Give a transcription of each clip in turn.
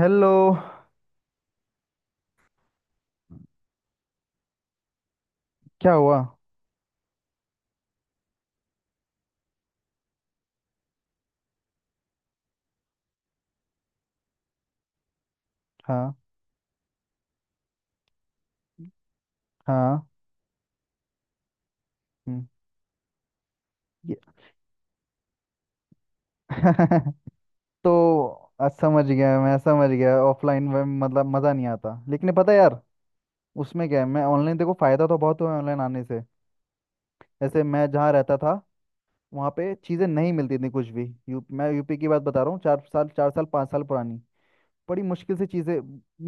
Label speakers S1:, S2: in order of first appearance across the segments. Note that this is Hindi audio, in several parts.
S1: हेलो। क्या हुआ? हाँ। हाँ। हम्म, ये तो समझ गया, मैं समझ गया ऑफलाइन में मतलब मज़ा नहीं आता, लेकिन पता है यार, उसमें क्या है। मैं ऑनलाइन, देखो, फ़ायदा तो बहुत हुआ है ऑनलाइन आने से। जैसे मैं जहाँ रहता था वहाँ पे चीज़ें नहीं मिलती थी कुछ भी, यू मैं यूपी की बात बता रहा हूँ, 4 साल, 4 साल 5 साल पुरानी। बड़ी मुश्किल से चीज़ें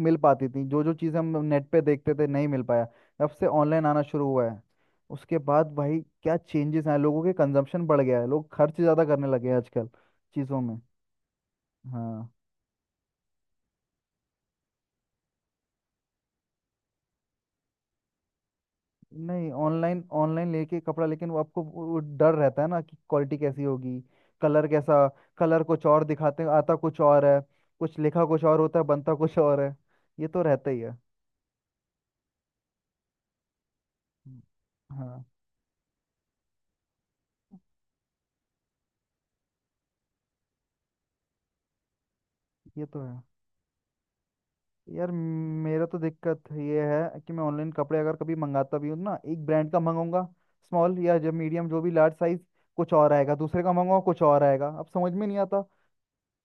S1: मिल पाती थी, जो जो चीज़ें हम नेट पे देखते थे नहीं मिल पाया। जब से ऑनलाइन आना शुरू हुआ है, उसके बाद भाई क्या चेंजेस आए, लोगों के कंजम्पशन बढ़ गया है, लोग खर्च ज़्यादा करने लगे हैं आजकल चीज़ों में। हाँ। नहीं, ऑनलाइन ऑनलाइन लेके कपड़ा, लेकिन वो आपको वो डर रहता है ना कि क्वालिटी कैसी होगी, कलर कैसा। कलर कुछ और दिखाते हैं, आता कुछ और है। कुछ लिखा कुछ और होता है, बनता कुछ और है। ये तो रहता ही है। हम्म, हाँ। ये तो है। यार, मेरा तो दिक्कत ये है कि मैं ऑनलाइन कपड़े अगर कभी मंगाता भी हूँ तो ना, एक ब्रांड का मंगाऊंगा, स्मॉल या जब मीडियम जो भी लार्ज साइज, कुछ और आएगा, दूसरे का मंगाऊंगा कुछ और आएगा, अब समझ में नहीं आता।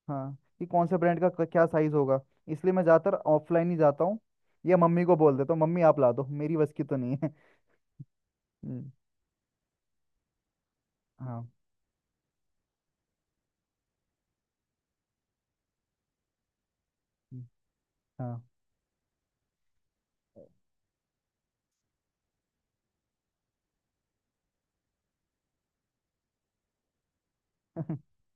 S1: हाँ, कि कौन से ब्रांड का क्या साइज होगा। इसलिए मैं ज़्यादातर ऑफलाइन ही जाता हूँ। या मम्मी को बोल देता हूँ, मम्मी आप ला दो, मेरी बस की तो नहीं है। हम्म, हाँ। हम्म, हाँ।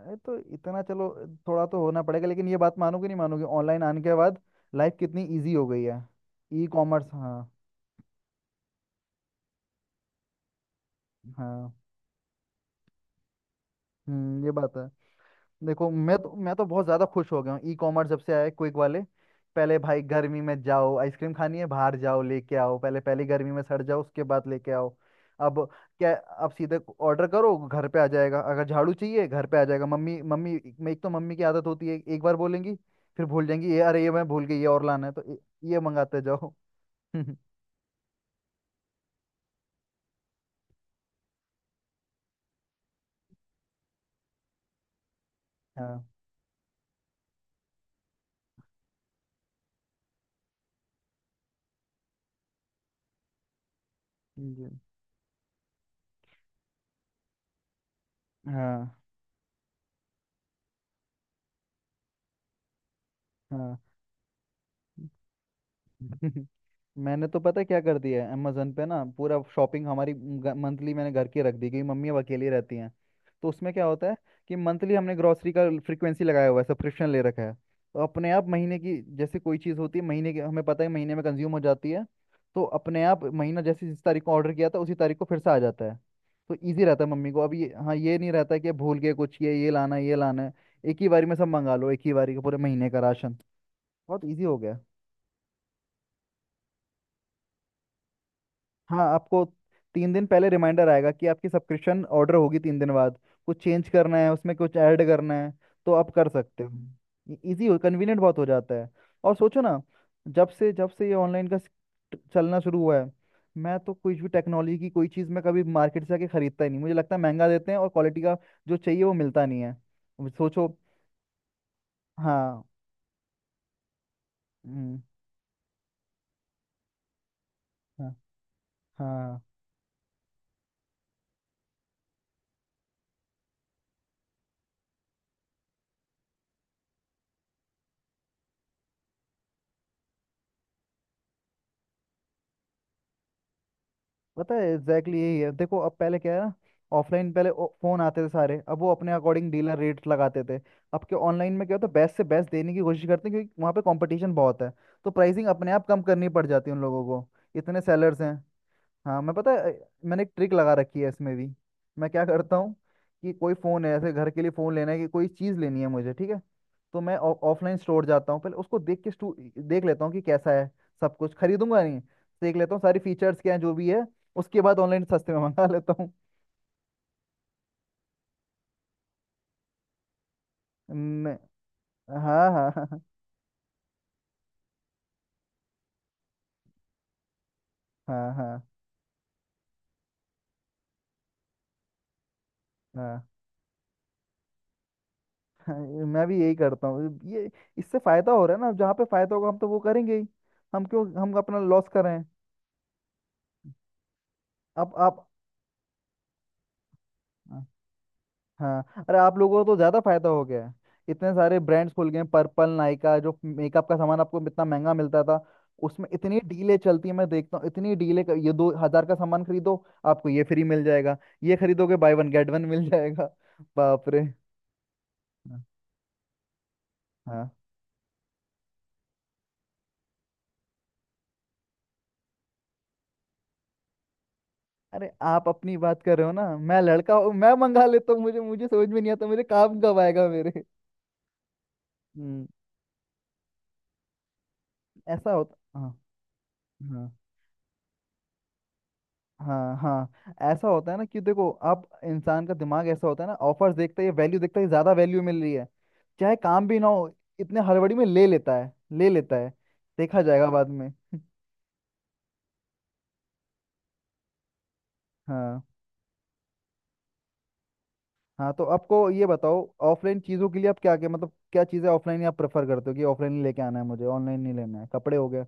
S1: अरे, तो इतना चलो थोड़ा तो होना पड़ेगा, लेकिन ये बात मानोगे नहीं मानोगे, ऑनलाइन आने के बाद लाइफ कितनी ईजी हो गई है। E commerce. हाँ। हाँ। ये बात है। देखो, मैं तो बहुत ज़्यादा खुश हो गया हूँ, ई कॉमर्स जब से आया, क्विक वाले। पहले भाई गर्मी में जाओ, आइसक्रीम खानी है बाहर जाओ लेके आओ, पहले पहली गर्मी में सड़ जाओ उसके बाद लेके आओ। अब क्या, अब सीधे ऑर्डर करो घर पे आ जाएगा, अगर झाड़ू चाहिए घर पे आ जाएगा। मम्मी मम्मी, मैं, एक तो मम्मी की आदत होती है एक बार बोलेंगी फिर भूल जाएंगी, ये अरे ये मैं भूल गई ये और लाना है, तो ये मंगाते जाओ। हाँ। जी। हाँ। हाँ। मैंने तो पता है क्या कर दिया है, अमेजोन पे ना पूरा शॉपिंग हमारी मंथली मैंने घर की रख दी, क्योंकि मम्मी अब अकेली रहती हैं। तो उसमें क्या होता है कि मंथली हमने ग्रॉसरी का फ्रीक्वेंसी लगाया हुआ है, सब्सक्रिप्शन ले रखा है। तो अपने आप महीने की जैसे कोई चीज़ होती है महीने की, हमें पता है महीने में कंज्यूम हो जाती है। तो अपने आप महीना, जैसे जिस तारीख को ऑर्डर किया था उसी तारीख को फिर से आ जाता है। तो ईजी रहता है मम्मी को, अब ये, हाँ, ये नहीं रहता है कि भूल के कुछ, ये लाना है, ये लाना है। एक ही बारी में सब मंगा लो, एक ही बारी का पूरे महीने का राशन। बहुत ईजी हो गया है। हाँ, आपको 3 दिन पहले रिमाइंडर आएगा कि आपकी सब्सक्रिप्शन ऑर्डर होगी 3 दिन बाद। कुछ चेंज करना है उसमें, कुछ ऐड करना है तो आप कर सकते हो, इजी हो, कन्वीनियंट बहुत हो जाता है। और सोचो ना, जब से ये ऑनलाइन का चलना शुरू हुआ है। मैं तो कुछ भी टेक्नोलॉजी की कोई चीज़ मैं कभी मार्केट से आके खरीदता ही नहीं, मुझे लगता है महंगा देते हैं और क्वालिटी का जो चाहिए वो मिलता नहीं है। अब सोचो। हाँ। हम्म, हाँ। हाँ। पता है एग्जैक्टली यही है, देखो अब पहले क्या है ना, ऑफलाइन पहले फोन आते थे सारे, अब वो अपने अकॉर्डिंग डीलर रेट लगाते थे। अब के ऑनलाइन में क्या होता है, बेस्ट से बेस्ट देने की कोशिश करते हैं क्योंकि वहाँ पे कंपटीशन बहुत है। तो प्राइसिंग अपने आप कम करनी पड़ जाती है उन लोगों को, इतने सेलर्स हैं। हाँ, मैं पता है, मैंने एक ट्रिक लगा रखी है इसमें भी। मैं क्या करता हूँ, कि कोई फ़ोन है, ऐसे घर के लिए फ़ोन लेना है कि कोई चीज़ लेनी है मुझे, ठीक है। तो मैं ऑफलाइन स्टोर जाता हूँ पहले उसको देख के देख लेता हूँ कि कैसा है। सब कुछ खरीदूंगा नहीं, देख लेता हूँ सारी फीचर्स क्या हैं जो भी है। उसके बाद ऑनलाइन सस्ते में मंगा लेता हूँ। मैं- हाँ। हाँ। हाँ। हाँ। हाँ। हाँ। हाँ, हाँ, मैं भी यही करता हूँ ये, इससे फायदा हो रहा है ना, जहाँ पे फायदा होगा हम तो वो करेंगे ही, हम क्यों हम अपना लॉस कर रहे हैं। अब आप। हाँ। अरे, आप लोगों को तो ज़्यादा फायदा हो गया है, इतने सारे ब्रांड्स खुल गए हैं, पर्पल, नायका, जो मेकअप का सामान आपको इतना महंगा मिलता था उसमें इतनी डीलें चलती है। मैं देखता हूँ इतनी डीलें, ये 2 हजार का सामान खरीदो आपको ये फ्री मिल जाएगा, ये खरीदोगे बाय वन गेट वन मिल जाएगा। बाप रे। हाँ। हाँ। अरे, आप अपनी बात कर रहे हो ना, मैं लड़का हूँ मैं मंगा लेता हूँ, मुझे मुझे समझ में नहीं आता, मुझे काम कब आएगा मेरे। हम्म। ऐसा होता। हाँ। हाँ। हाँ, ऐसा होता है ना, कि देखो आप इंसान का दिमाग ऐसा होता है ना, ऑफर्स देखता है या वैल्यू देखता है, ज्यादा वैल्यू मिल रही है चाहे काम भी ना हो, इतने हड़बड़ी में ले लेता है, ले लेता है। देखा जाएगा बाद में। हाँ, हाँ, तो आपको ये बताओ, ऑफलाइन चीजों के लिए आप क्या क्या, मतलब क्या चीजें ऑफलाइन आप प्रेफर करते हो कि ऑफलाइन ही लेके आना है, मुझे ऑनलाइन नहीं लेना है, कपड़े हो गए,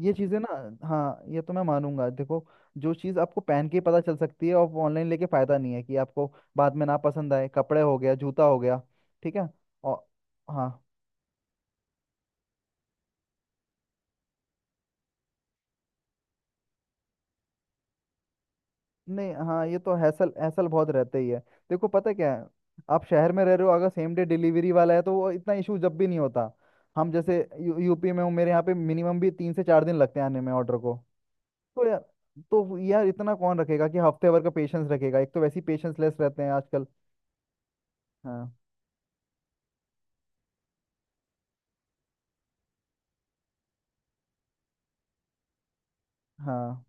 S1: ये चीजें ना। हाँ, ये तो मैं मानूंगा। देखो, जो चीज आपको पहन के ही पता चल सकती है, और ऑनलाइन लेके फायदा नहीं है कि आपको बाद में ना पसंद आए, कपड़े हो गया जूता हो गया, ठीक है। और, हाँ, नहीं, हाँ, ये तो हैसल हैसल बहुत रहते ही है। देखो पता क्या है, आप शहर में रह रहे हो अगर सेम डे डिलीवरी वाला है तो वो इतना इशू जब भी नहीं होता। हम जैसे यूपी में हूँ, मेरे यहाँ पे मिनिमम भी 3 से 4 दिन लगते हैं आने में ऑर्डर को। तो यार तो यार इतना कौन रखेगा कि हफ्ते भर का पेशेंस रखेगा, एक तो वैसे ही पेशेंस लेस रहते हैं आजकल। हाँ। हाँ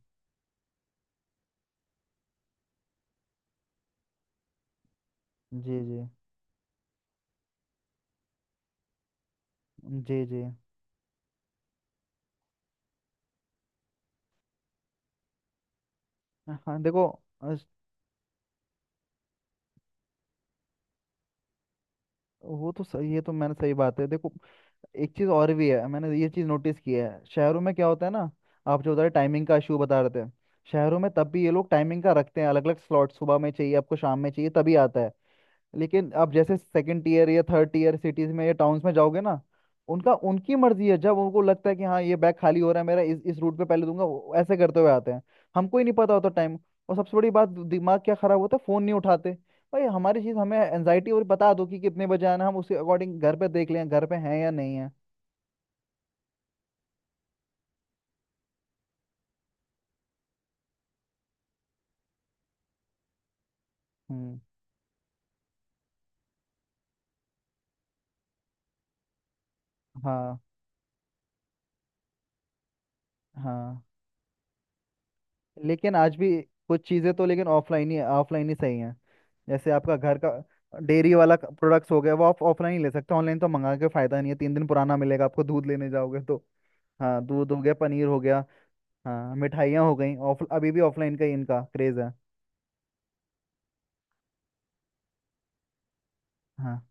S1: जी। जी। जी। जी। हाँ, देखो, अस- वो तो सही, ये तो मैंने, सही बात है देखो। एक चीज़ और भी है, मैंने ये चीज़ नोटिस की है शहरों में क्या होता है ना। आप जो बता रहे, टाइमिंग का इशू बता रहे थे, शहरों में तब भी ये लोग टाइमिंग का रखते हैं, अलग अलग स्लॉट, सुबह में चाहिए आपको शाम में चाहिए तभी आता है। लेकिन अब जैसे सेकंड ईयर या थर्ड ईयर सिटीज में या टाउन्स में जाओगे ना, उनका, उनकी मर्जी है, जब उनको लगता है कि हाँ ये बैग खाली हो रहा है मेरा इस रूट पे पहले दूंगा, वो ऐसे करते हुए आते हैं। हमको ही नहीं पता होता टाइम। और सबसे बड़ी बात, दिमाग क्या खराब होता है, फोन नहीं उठाते। भाई, हमारी चीज हमें एनजाइटी, और बता दो कि कितने बजे आना है, हम उसके अकॉर्डिंग घर पे देख लें घर पे हैं या नहीं है। हम्म। हाँ। हाँ। लेकिन आज भी कुछ चीज़ें तो, लेकिन ऑफलाइन ही सही हैं। जैसे आपका घर का डेयरी वाला प्रोडक्ट्स हो गया, वो आप ऑफलाइन ही ले सकते हो, ऑनलाइन तो मंगा के फायदा नहीं है, 3 दिन पुराना मिलेगा आपको दूध लेने जाओगे तो। हाँ, दूध हो गया पनीर हो गया। हाँ मिठाइयाँ हो गई, ऑफ अभी भी ऑफलाइन का ही इनका क्रेज है। हाँ।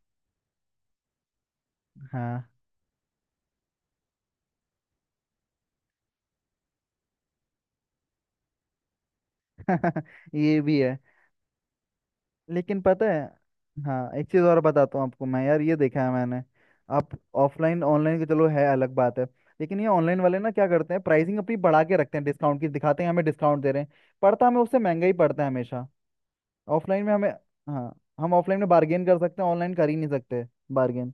S1: हाँ। ये भी है। लेकिन पता है, हाँ, एक चीज़ और बताता हूँ आपको मैं, यार ये देखा है मैंने। आप ऑफलाइन ऑनलाइन के, चलो, है अलग बात है। लेकिन ये ऑनलाइन वाले ना क्या करते हैं, प्राइसिंग अपनी बढ़ा के रखते हैं, डिस्काउंट की दिखाते हैं हमें डिस्काउंट दे रहे हैं। पड़ता, हमें उससे महंगा ही पड़ता है हमेशा, ऑफलाइन में हमें। हाँ, हम ऑफलाइन में बार्गेन कर सकते हैं, ऑनलाइन कर ही नहीं सकते। बार्गेन।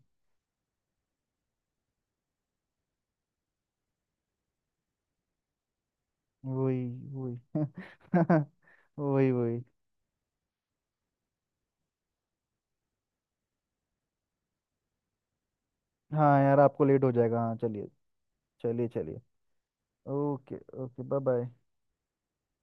S1: वही, वही। वही, वही। हाँ, यार आपको लेट हो जाएगा, हाँ चलिए। चलिए, चलिए। ओके। Okay, bye. बाय।